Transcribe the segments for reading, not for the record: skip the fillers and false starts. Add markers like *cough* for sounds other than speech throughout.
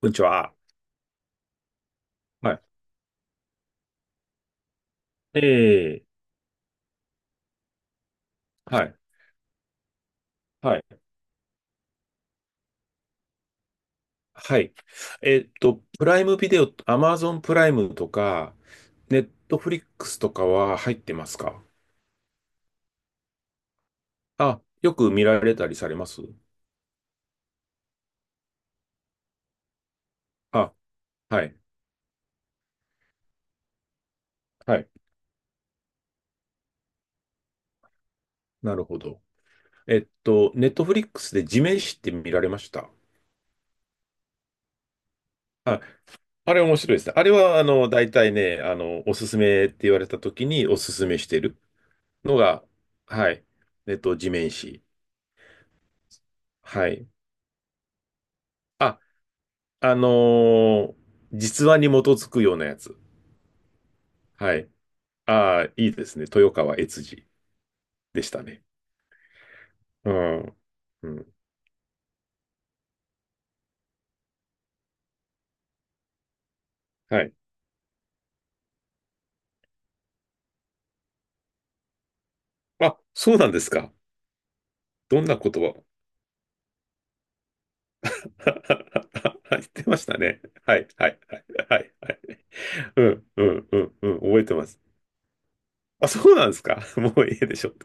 こんにちは。はい。ええ、はい。はい。はい。プライムビデオ、アマゾンプライムとか、ネットフリックスとかは入ってますか？あ、よく見られたりされます？あ、はい。はい。なるほど。ネットフリックスで地面師って見られました？あ、あれ面白いですね。あれは、大体ね、おすすめって言われた時におすすめしてるのが、はい。地面師。はい。ああのー実話に基づくようなやつ。はい。ああ、いいですね。豊川悦司でしたね。うん。うん。はい。あ、そうなんですか。どんな言葉を？ *laughs* 言ってましたね。はい、はい、はい、はい。はい。うん、うん、うん、うん。覚えてます。あ、そうなんですか。*laughs* もういいでしょう。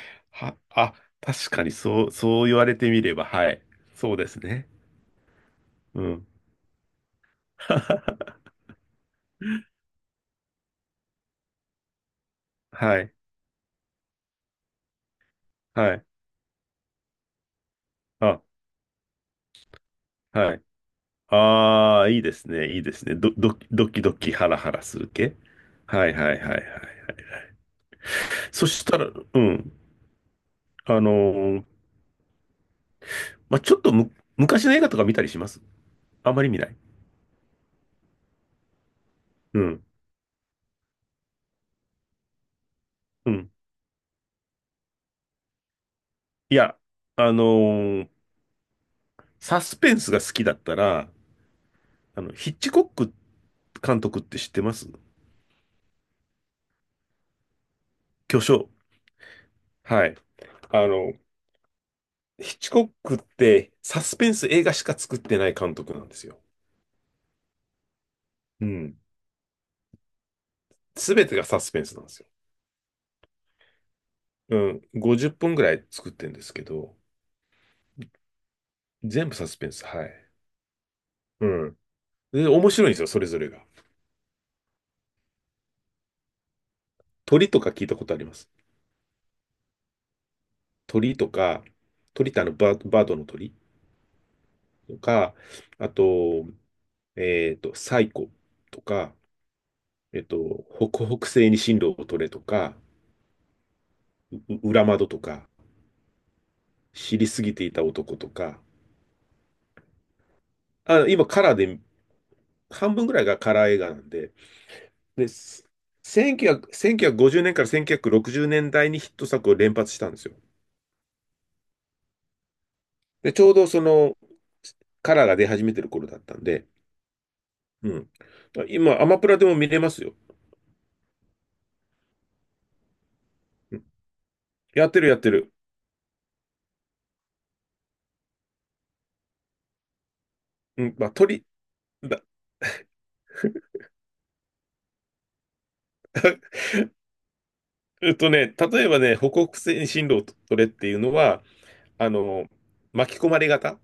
*laughs* は、あ、確かにそう言われてみれば、はい。そうですね。うん。*laughs* はい、はい。あ、はい。ああ、いいですね、いいですね。ど、どき、ドキドキハラハラする系。はいはいはいはい。そしたら、うん。あのーまあ、ちょっとむ、昔の映画とか見たりします？あんまり見ない。うん。うん。いや、あのーサスペンスが好きだったら、ヒッチコック監督って知ってます？巨匠。はい。あの、ヒッチコックってサスペンス映画しか作ってない監督なんですよ。うん。すべてがサスペンスなんですよ。うん、50本ぐらい作ってるんですけど、全部サスペンス、はい。うん。で、面白いんですよ、それぞれが。鳥とか聞いたことあります。鳥とか、鳥ってバードの鳥とか、あと、サイコとか、えっと、北北西に進路を取れとか、裏窓とか、知りすぎていた男とか、あ、今カラーで、半分ぐらいがカラー映画なんで、で、1900、1950年から1960年代にヒット作を連発したんですよ。で、ちょうどその、カラーが出始めてる頃だったんで、うん。今、アマプラでも見れますよ。うん。やってるやってる。うん、まあ、鳥、だ、えっとね、例えばね、北北西進路を取れっていうのは、あの、巻き込まれ型。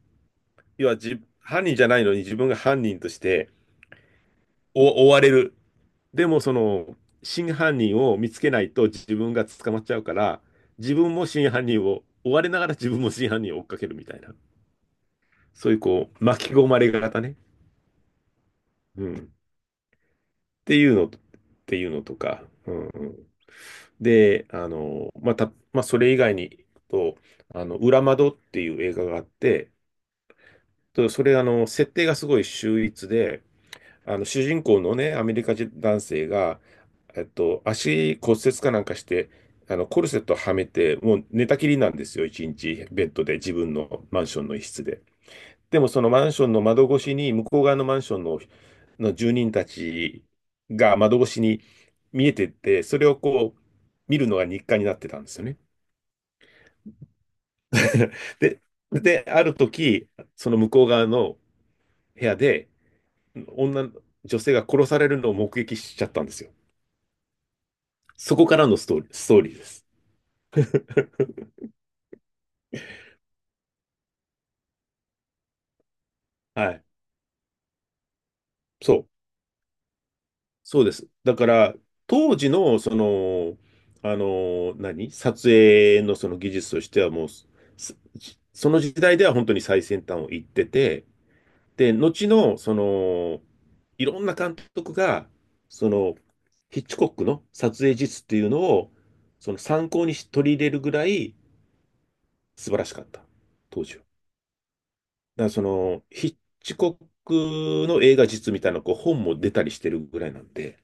要は、犯人じゃないのに自分が犯人としてお追われる。でも、真犯人を見つけないと自分が捕まっちゃうから、自分も真犯人を追われながら自分も真犯人を追っかけるみたいな。そういうこう、巻き込まれ型ね。うん。っていうのとか、うんうん。で、まあた、まあ、それ以外に行くと、裏窓っていう映画があって、とそれ、設定がすごい秀逸で、主人公のね、アメリカ人男性が、足骨折かなんかして、コルセットはめて、もう寝たきりなんですよ、一日、ベッドで、自分のマンションの一室で。でもそのマンションの窓越しに、向こう側のマンションの、住人たちが窓越しに見えてて、それをこう、見るのが日課になってたんですよね。*laughs* で、で、ある時、その向こう側の部屋で、女、女性が殺されるのを目撃しちゃったんですよ。そこからのストーリーです。*laughs* はい。そう。そうです。だから、当時の、撮影のその技術としてはもう、その時代では本当に最先端を行ってて、で、後の、いろんな監督が、その、ヒッチコックの撮影術っていうのを、その参考にし取り入れるぐらい素晴らしかった、当時は。だからヒッチコックの映画実みたいな、こう、本も出たりしてるぐらいなんで、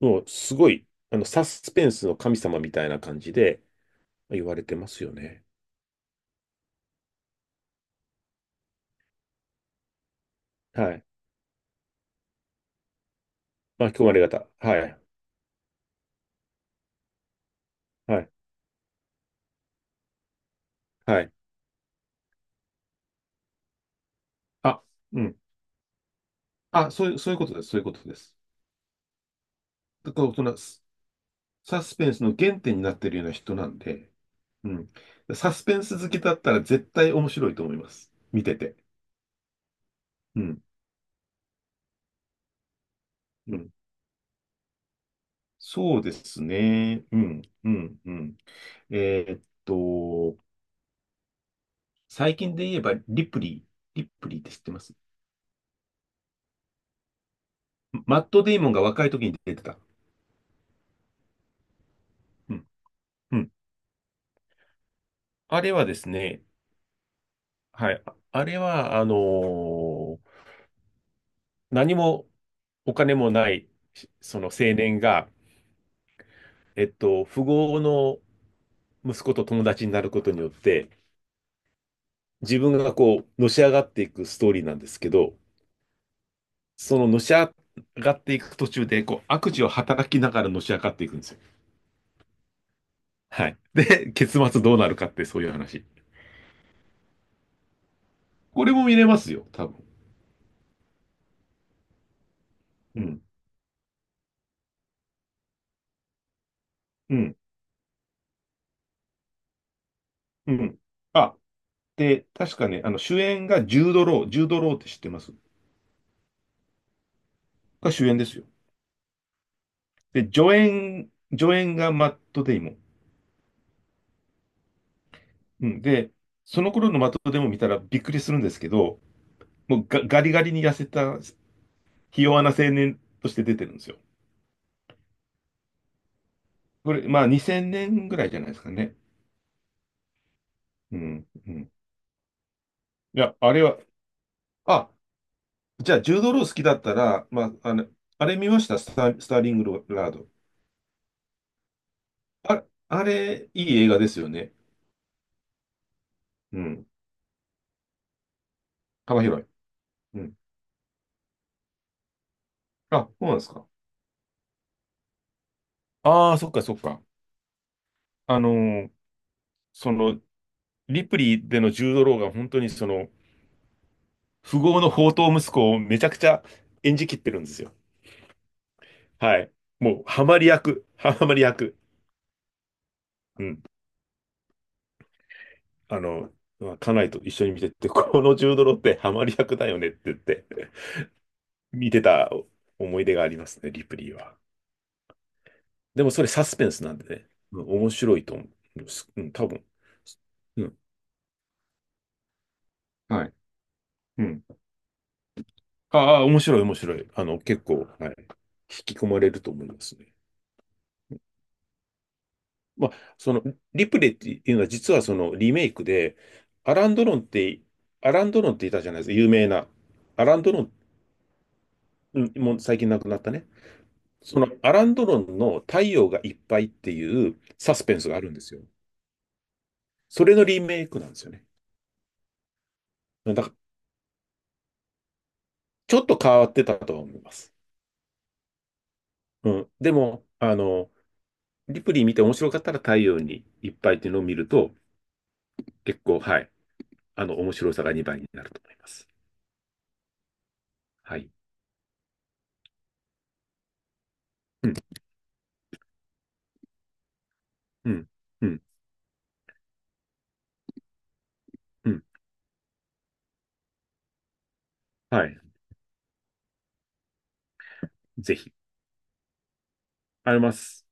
もうすごい、サスペンスの神様みたいな感じで言われてますよね。はい。巻き込まれ方。はい。はい。はい。あ、うん。あ、そういうことです。そういうことです。だから、サスペンスの原点になっているような人なんで、うん。サスペンス好きだったら絶対面白いと思います。見てて。うん。うん。そうですね。うん。うん。うん。えーっと、最近で言えば、リプリー。リプリーって知ってます？マット・デイモンが若い時に出てた。うん。うん。あれはですね、はい。あれは、何もお金もない、しその青年が、富豪の息子と友達になることによって、自分がこう、のし上がっていくストーリーなんですけど、そののし上がっていく途中で、こう、悪事を働きながらのし上がっていくんですよ。はい。で、結末どうなるかって、そういう話。これも見れますよ、多分。うん。うん。うん。あで、確かね、主演がジュード・ロー、ジュード・ローって知ってます？が主演ですよ。で、助演がマット・デイモン。うん、で、その頃のマット・デイモン見たらびっくりするんですけど、もうガリガリに痩せた、ひ弱な青年として出てるんですよ。これ、まあ2000年ぐらいじゃないですかね。うん、うん。いや、あれは、あ、じゃあ、ジュード・ロー好きだったら、まあ、あれ見ましたスターリング・ラード。あ、あれ、いい映画ですよね。うん。幅広い。うん。あ、そうなんですか。ああ、そっかそっか。あのーその、リプリーでのジュードローが本当にその、富豪の宝刀息子をめちゃくちゃ演じきってるんですよ。はい。もう、ハマり役、ハマり役。うん。あの、まあ家内と一緒に見てて、このジュードローってハマり役だよねって言って、見てた思い出がありますね、リプリーは。でもそれサスペンスなんでね、うん面白いと思う。うん、多分。うん。はい。うん。ああ、面白い、面白い。結構、はい。引き込まれると思いますね。まあ、その、リプレイっていうのは、実はそのリメイクで、アラン・ドロンって、アラン・ドロンっていたじゃないですか、有名な。アラン・ドロン、うんもう最近亡くなったね。そのアラン・ドロンの太陽がいっぱいっていうサスペンスがあるんですよ。それのリメイクなんですよね。だから、ちょっと変わってたとは思います。うん。でも、リプリイ見て面白かったら太陽にいっぱいっていうのを見ると、結構、はい。面白さが2倍になると思います。はい。うん、うん、うん、うん。はい。ぜひ。あります。